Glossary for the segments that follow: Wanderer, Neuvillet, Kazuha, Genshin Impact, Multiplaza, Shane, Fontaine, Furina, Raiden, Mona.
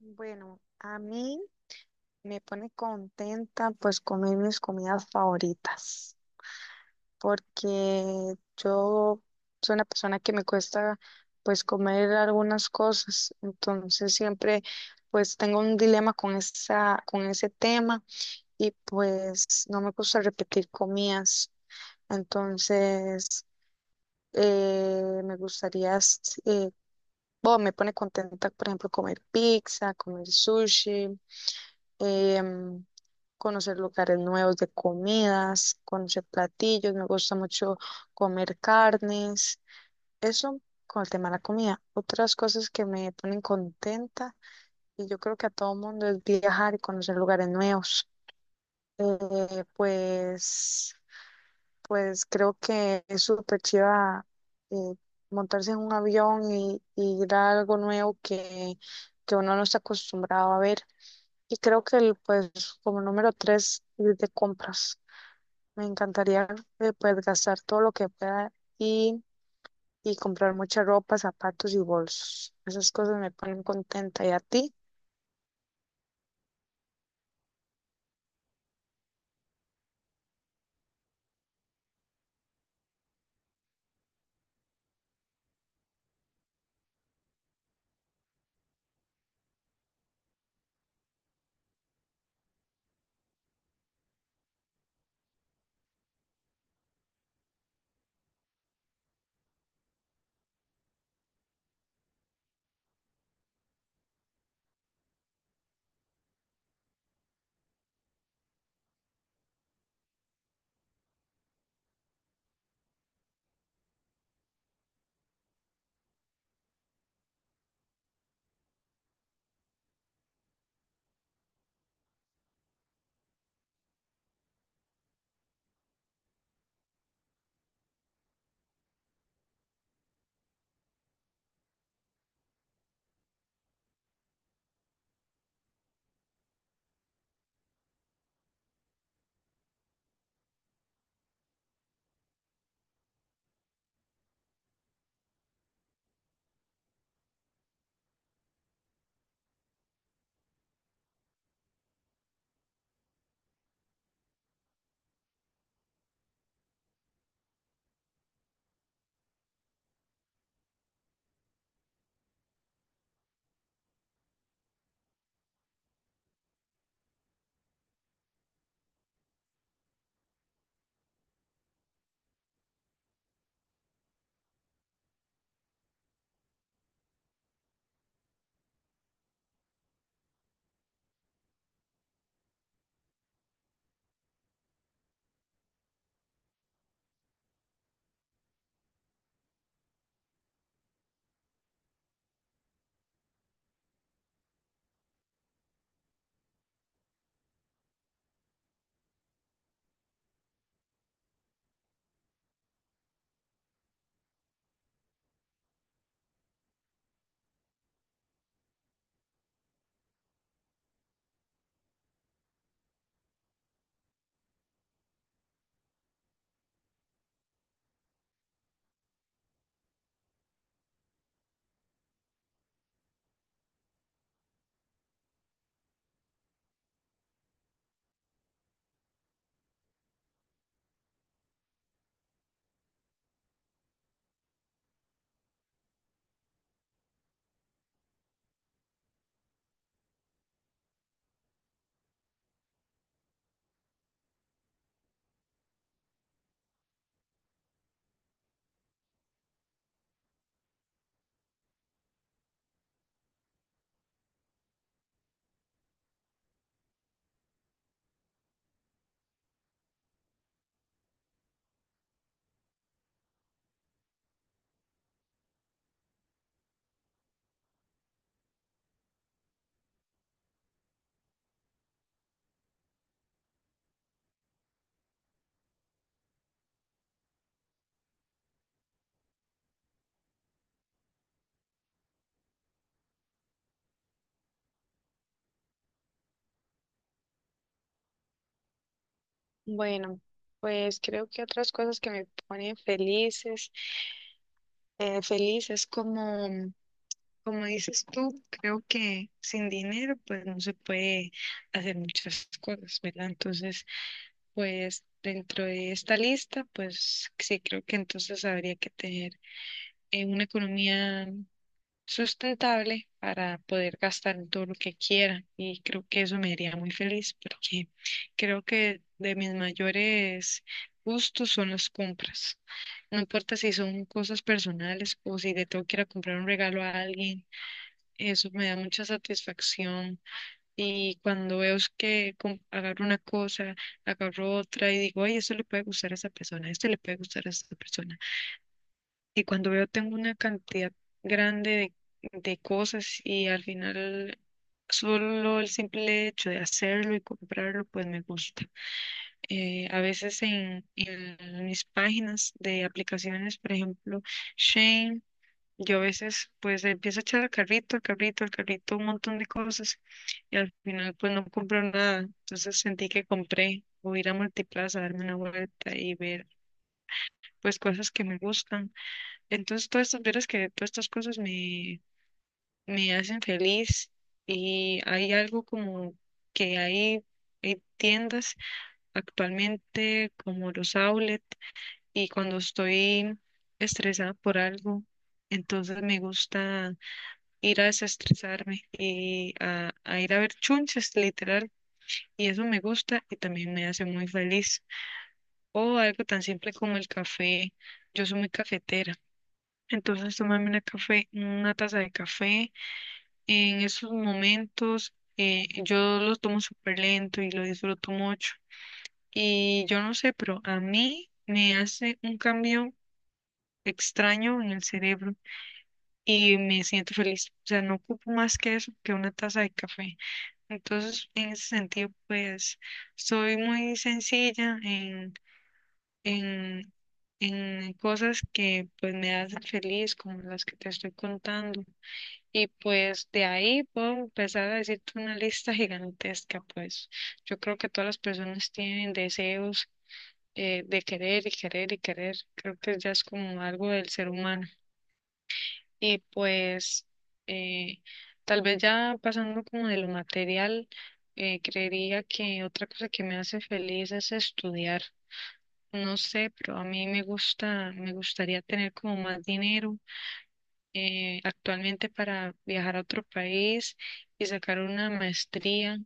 Bueno, a mí me pone contenta pues comer mis comidas favoritas, porque yo soy una persona que me cuesta pues comer algunas cosas, entonces siempre pues tengo un dilema con con ese tema y pues no me gusta repetir comidas, entonces me gustaría, bueno, me pone contenta por ejemplo comer pizza, comer sushi em, conocer lugares nuevos de comidas, conocer platillos, me gusta mucho comer carnes, eso con el tema de la comida. Otras cosas que me ponen contenta y yo creo que a todo mundo es viajar y conocer lugares nuevos. Eh, pues pues creo que es súper chiva, eh, montarse en un avión y ir a algo nuevo que uno no está acostumbrado a ver. Y creo que pues como número tres, ir de compras. Me encantaría, pues gastar todo lo que pueda y, y comprar mucha ropa, zapatos y bolsos. Esas cosas me ponen contenta. ¿Y a ti? Bueno, pues creo que otras cosas que me ponen felices, feliz, es como dices tú, creo que sin dinero pues no se puede hacer muchas cosas, ¿verdad? Entonces, pues dentro de esta lista, pues sí creo que entonces habría que tener, una economía sustentable para poder gastar en todo lo que quiera, y creo que eso me haría muy feliz porque creo que de mis mayores gustos son las compras. No importa si son cosas personales o si le tengo que ir a comprar un regalo a alguien, eso me da mucha satisfacción. Y cuando veo es que agarro una cosa, agarro otra y digo, ay, esto le puede gustar a esa persona, este le puede gustar a esa persona. Y cuando veo tengo una cantidad grande de cosas, y al final solo el simple hecho de hacerlo y comprarlo, pues me gusta. A veces en mis páginas de aplicaciones, por ejemplo, Shane, yo a veces pues empiezo a echar al carrito, al carrito, al carrito, un montón de cosas y al final pues no compro nada. Entonces sentí que compré, o ir a Multiplaza, darme una vuelta y ver pues cosas que me gustan. Entonces veras que todas estas cosas me, me hacen feliz. Y hay algo como que hay tiendas actualmente como los outlet, y cuando estoy estresada por algo, entonces me gusta ir a desestresarme y a ir a ver chunches, literal. Y eso me gusta y también me hace muy feliz. O algo tan simple como el café. Yo soy muy cafetera. Entonces tomarme una taza de café en esos momentos, yo lo tomo súper lento y lo disfruto mucho. Y yo no sé, pero a mí me hace un cambio extraño en el cerebro y me siento feliz. O sea, no ocupo más que eso, que una taza de café. Entonces, en ese sentido, pues soy muy sencilla en, en cosas que pues me hacen feliz, como las que te estoy contando. Y pues de ahí puedo empezar a decirte una lista gigantesca. Pues yo creo que todas las personas tienen deseos, de querer y querer y querer. Creo que ya es como algo del ser humano. Y eh, tal vez ya pasando como de lo material, creería que otra cosa que me hace feliz es estudiar. No sé, pero a mí me gusta, me gustaría tener como más dinero, actualmente, para viajar a otro país y sacar una maestría.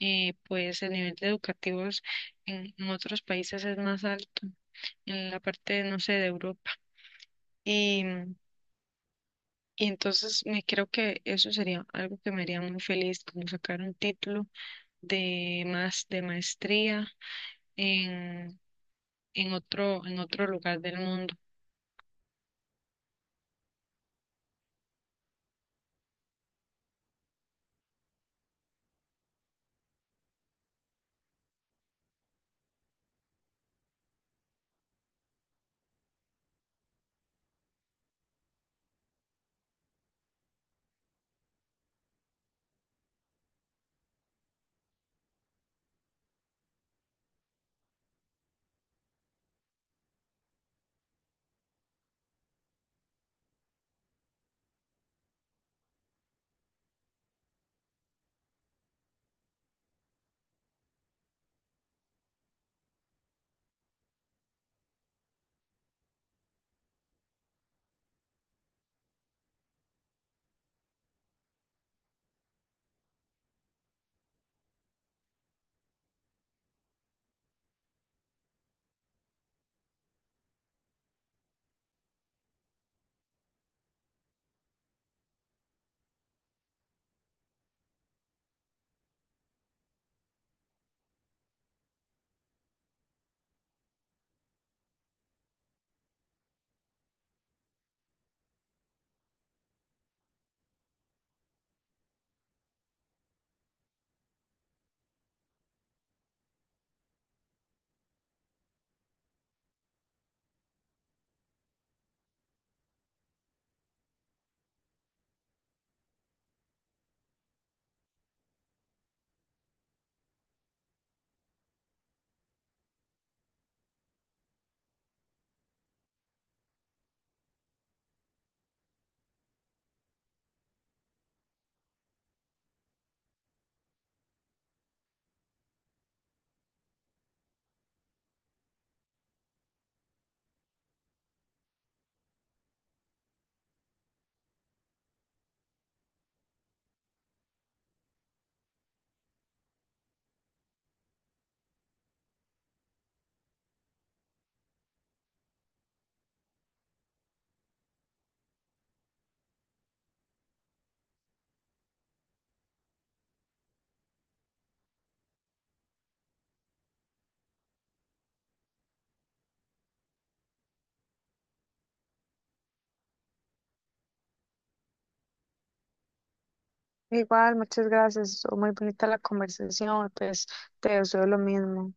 Pues el nivel de educativos en otros países es más alto, en la parte, no sé, de Europa. y Y entonces, me creo que eso sería algo que me haría muy feliz, como sacar un título de más, de maestría, en, en otro lugar del mundo. Igual, muchas gracias. Estuvo muy bonita la conversación. Pues te deseo lo mismo.